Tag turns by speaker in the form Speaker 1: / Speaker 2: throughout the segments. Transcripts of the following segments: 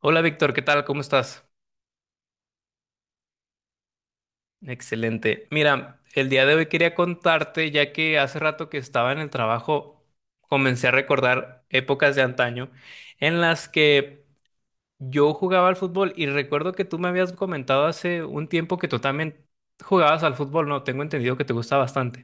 Speaker 1: Hola Víctor, ¿qué tal? ¿Cómo estás? Excelente. Mira, el día de hoy quería contarte, ya que hace rato que estaba en el trabajo, comencé a recordar épocas de antaño en las que yo jugaba al fútbol y recuerdo que tú me habías comentado hace un tiempo que tú también jugabas al fútbol, ¿no? Tengo entendido que te gusta bastante.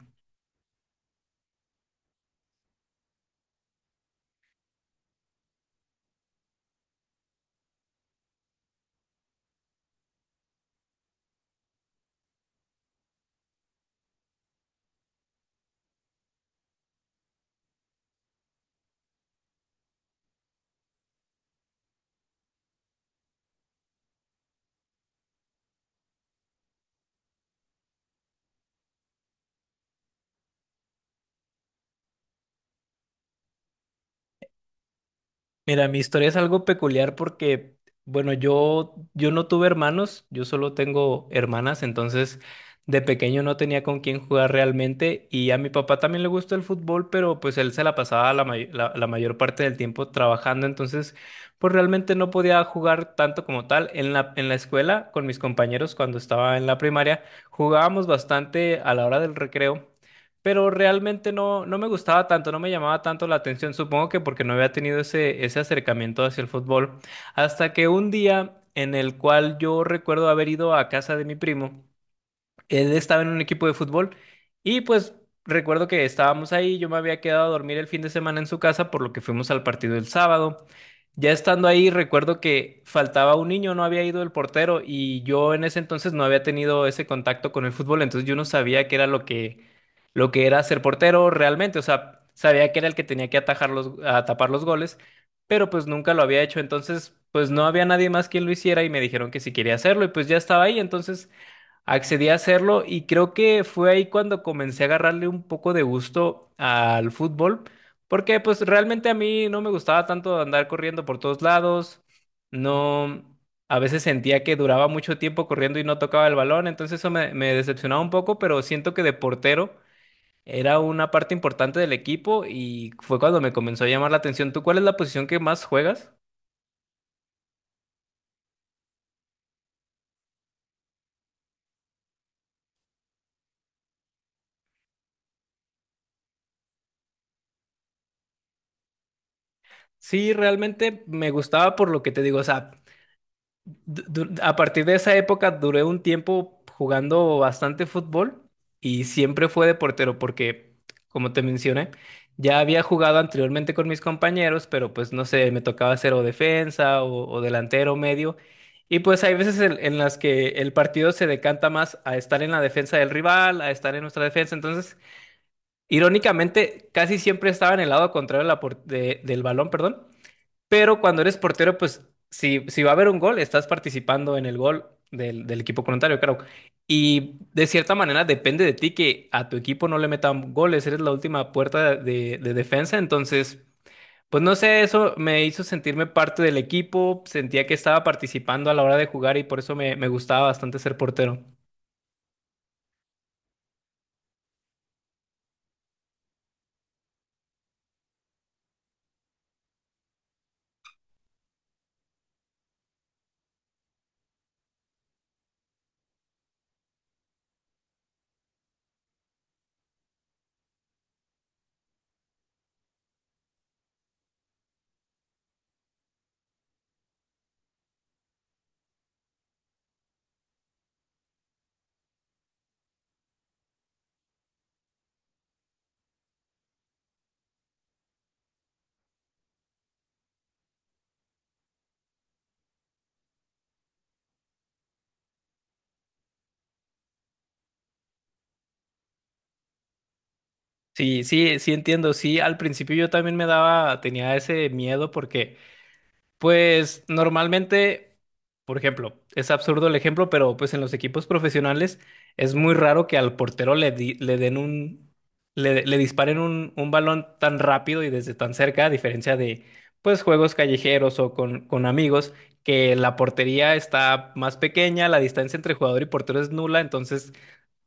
Speaker 1: Mira, mi historia es algo peculiar porque, bueno, yo no tuve hermanos, yo solo tengo hermanas, entonces de pequeño no tenía con quién jugar realmente y a mi papá también le gusta el fútbol, pero pues él se la pasaba la mayor parte del tiempo trabajando, entonces pues realmente no podía jugar tanto como tal. En la escuela, con mis compañeros cuando estaba en la primaria, jugábamos bastante a la hora del recreo, pero realmente no me gustaba tanto, no me llamaba tanto la atención, supongo que porque no había tenido ese acercamiento hacia el fútbol, hasta que un día en el cual yo recuerdo haber ido a casa de mi primo, él estaba en un equipo de fútbol y pues recuerdo que estábamos ahí, yo me había quedado a dormir el fin de semana en su casa, por lo que fuimos al partido el sábado. Ya estando ahí, recuerdo que faltaba un niño, no había ido el portero y yo en ese entonces no había tenido ese contacto con el fútbol, entonces yo no sabía qué era lo que, era ser portero realmente, o sea, sabía que era el que tenía que a tapar los goles, pero pues nunca lo había hecho, entonces pues no había nadie más quien lo hiciera y me dijeron que si quería hacerlo y pues ya estaba ahí, entonces accedí a hacerlo y creo que fue ahí cuando comencé a agarrarle un poco de gusto al fútbol, porque pues realmente a mí no me gustaba tanto andar corriendo por todos lados, no, a veces sentía que duraba mucho tiempo corriendo y no tocaba el balón, entonces eso me decepcionaba un poco, pero siento que de portero era una parte importante del equipo y fue cuando me comenzó a llamar la atención. ¿Tú cuál es la posición que más juegas? Sí, realmente me gustaba por lo que te digo, o sea, a partir de esa época duré un tiempo jugando bastante fútbol y siempre fue de portero porque, como te mencioné, ya había jugado anteriormente con mis compañeros, pero pues no sé, me tocaba hacer o defensa o delantero medio. Y pues hay veces en las que el partido se decanta más a estar en la defensa del rival, a estar en nuestra defensa. Entonces, irónicamente, casi siempre estaba en el lado contrario de del balón, perdón. Pero cuando eres portero, pues si, si va a haber un gol, estás participando en el gol del, del equipo contrario, claro. Y de cierta manera depende de ti que a tu equipo no le metan goles, eres la última puerta de defensa, entonces, pues no sé, eso me hizo sentirme parte del equipo, sentía que estaba participando a la hora de jugar y por eso me gustaba bastante ser portero. Sí, sí, sí, entiendo, sí, al principio yo también me daba, tenía ese miedo porque pues normalmente, por ejemplo, es absurdo el ejemplo, pero pues en los equipos profesionales es muy raro que al portero le, di- le den un, le disparen un balón tan rápido y desde tan cerca, a diferencia de pues juegos callejeros o con amigos, que la portería está más pequeña, la distancia entre jugador y portero es nula, entonces,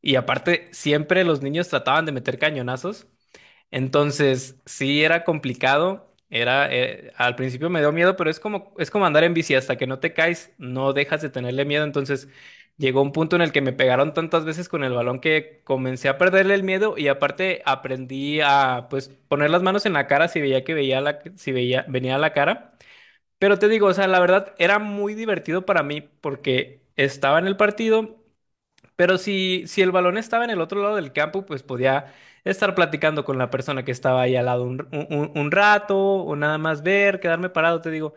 Speaker 1: y aparte, siempre los niños trataban de meter cañonazos, entonces, sí era complicado, era al principio me dio miedo, pero es como andar en bici hasta que no te caes, no dejas de tenerle miedo, entonces llegó un punto en el que me pegaron tantas veces con el balón que comencé a perderle el miedo y aparte aprendí a pues poner las manos en la cara si veía que veía la si veía venía la cara. Pero te digo, o sea, la verdad era muy divertido para mí porque estaba en el partido, pero si, si el balón estaba en el otro lado del campo, pues podía estar platicando con la persona que estaba ahí al lado un rato o nada más ver, quedarme parado, te digo.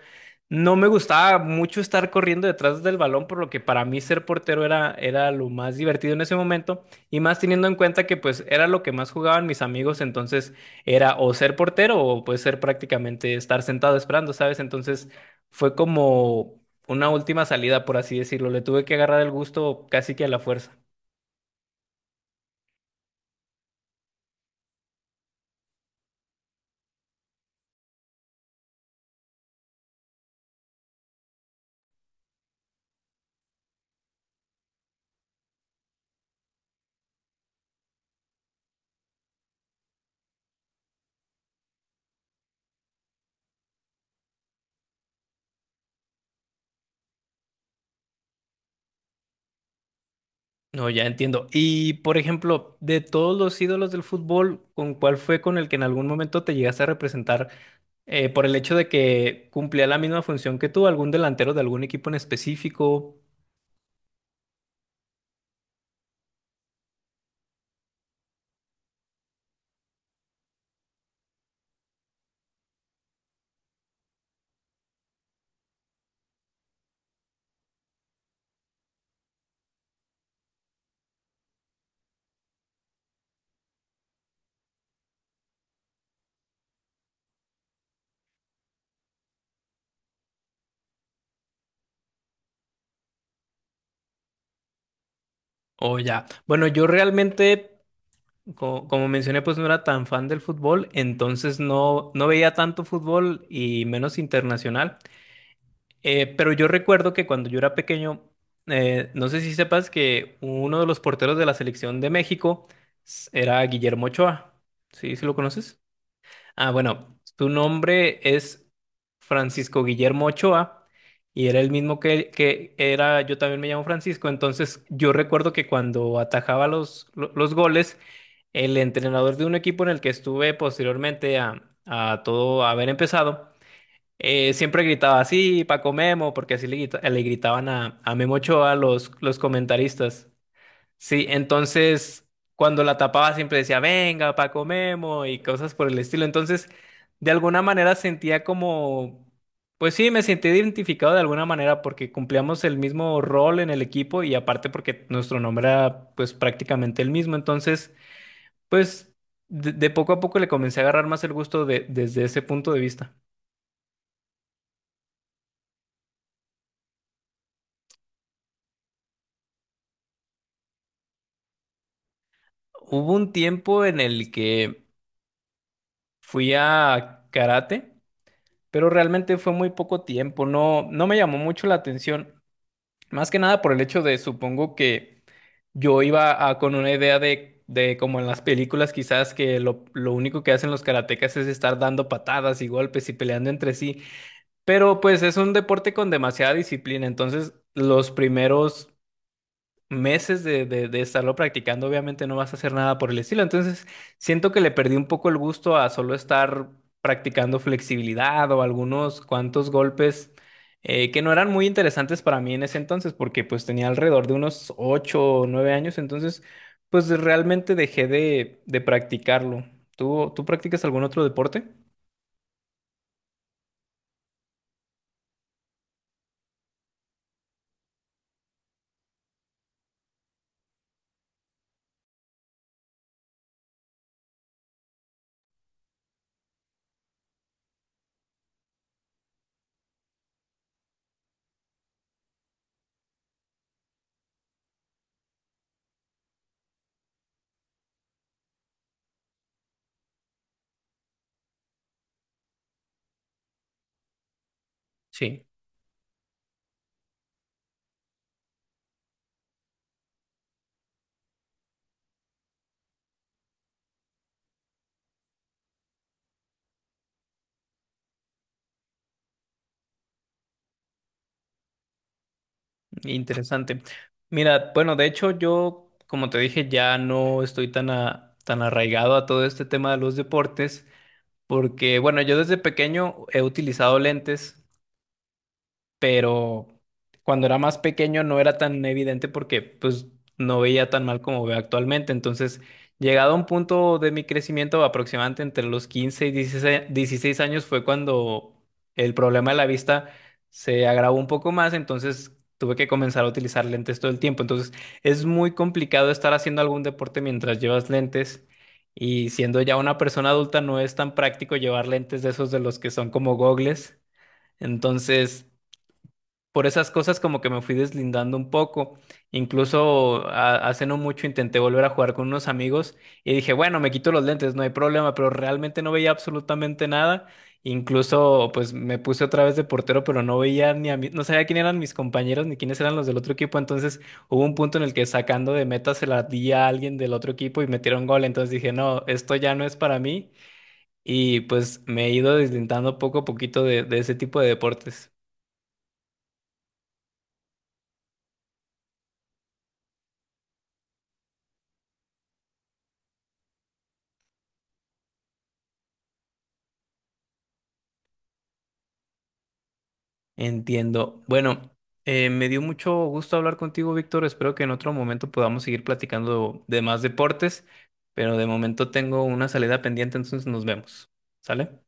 Speaker 1: No me gustaba mucho estar corriendo detrás del balón, por lo que para mí ser portero era, era lo más divertido en ese momento, y más teniendo en cuenta que pues era lo que más jugaban mis amigos, entonces era o ser portero o pues ser prácticamente estar sentado esperando, ¿sabes? Entonces fue como una última salida, por así decirlo. Le tuve que agarrar el gusto casi que a la fuerza. No, ya entiendo. Y, por ejemplo, de todos los ídolos del fútbol, ¿con cuál fue con el que en algún momento te llegaste a representar, por el hecho de que cumplía la misma función que tú, algún delantero de algún equipo en específico? O ya. Bueno, yo realmente, como mencioné, pues no era tan fan del fútbol, entonces no veía tanto fútbol y menos internacional. Pero yo recuerdo que cuando yo era pequeño, no sé si sepas que uno de los porteros de la selección de México era Guillermo Ochoa. ¿Sí? ¿Sí lo conoces? Ah, bueno, su nombre es Francisco Guillermo Ochoa y era el mismo que era, yo también me llamo Francisco, entonces yo recuerdo que cuando atajaba los goles, el entrenador de un equipo en el que estuve posteriormente a todo haber empezado, siempre gritaba así, Paco Memo, porque así le gritaban a Memo Ochoa los comentaristas. Sí, entonces cuando la tapaba siempre decía, venga, Paco Memo y cosas por el estilo. Entonces, de alguna manera sentía como, pues sí, me sentí identificado de alguna manera porque cumplíamos el mismo rol en el equipo y aparte porque nuestro nombre era pues prácticamente el mismo. Entonces, pues de poco a poco le comencé a agarrar más el gusto desde ese punto de vista. Hubo un tiempo en el que fui a karate, pero realmente fue muy poco tiempo, no me llamó mucho la atención, más que nada por el hecho de, supongo que yo con una idea de, como en las películas quizás que lo único que hacen los karatecas es estar dando patadas y golpes y peleando entre sí, pero pues es un deporte con demasiada disciplina, entonces los primeros meses de estarlo practicando, obviamente no vas a hacer nada por el estilo. Entonces, siento que le perdí un poco el gusto a solo estar practicando flexibilidad o algunos cuantos golpes, que no eran muy interesantes para mí en ese entonces, porque pues tenía alrededor de unos 8 o 9 años, entonces pues realmente dejé de practicarlo. ¿Tú practicas algún otro deporte? Sí. Interesante. Mira, bueno, de hecho yo, como te dije, ya no estoy tan arraigado a todo este tema de los deportes, porque, bueno, yo desde pequeño he utilizado lentes, pero cuando era más pequeño no era tan evidente porque pues no veía tan mal como veo actualmente. Entonces, llegado a un punto de mi crecimiento aproximadamente entre los 15 y dieciséis años fue cuando el problema de la vista se agravó un poco más, entonces tuve que comenzar a utilizar lentes todo el tiempo. Entonces, es muy complicado estar haciendo algún deporte mientras llevas lentes. Y siendo ya una persona adulta, no es tan práctico llevar lentes de esos de los que son como gogles. Entonces, por esas cosas como que me fui deslindando un poco. Incluso hace no mucho intenté volver a jugar con unos amigos y dije, bueno, me quito los lentes, no hay problema, pero realmente no veía absolutamente nada. Incluso pues me puse otra vez de portero, pero no veía ni a mí, no sabía quién eran mis compañeros ni quiénes eran los del otro equipo. Entonces hubo un punto en el que sacando de meta se la di a alguien del otro equipo y metieron gol. Entonces dije, no, esto ya no es para mí. Y pues me he ido deslindando poco a poquito de ese tipo de deportes. Entiendo. Bueno, me dio mucho gusto hablar contigo, Víctor. Espero que en otro momento podamos seguir platicando de más deportes, pero de momento tengo una salida pendiente, entonces nos vemos. ¿Sale?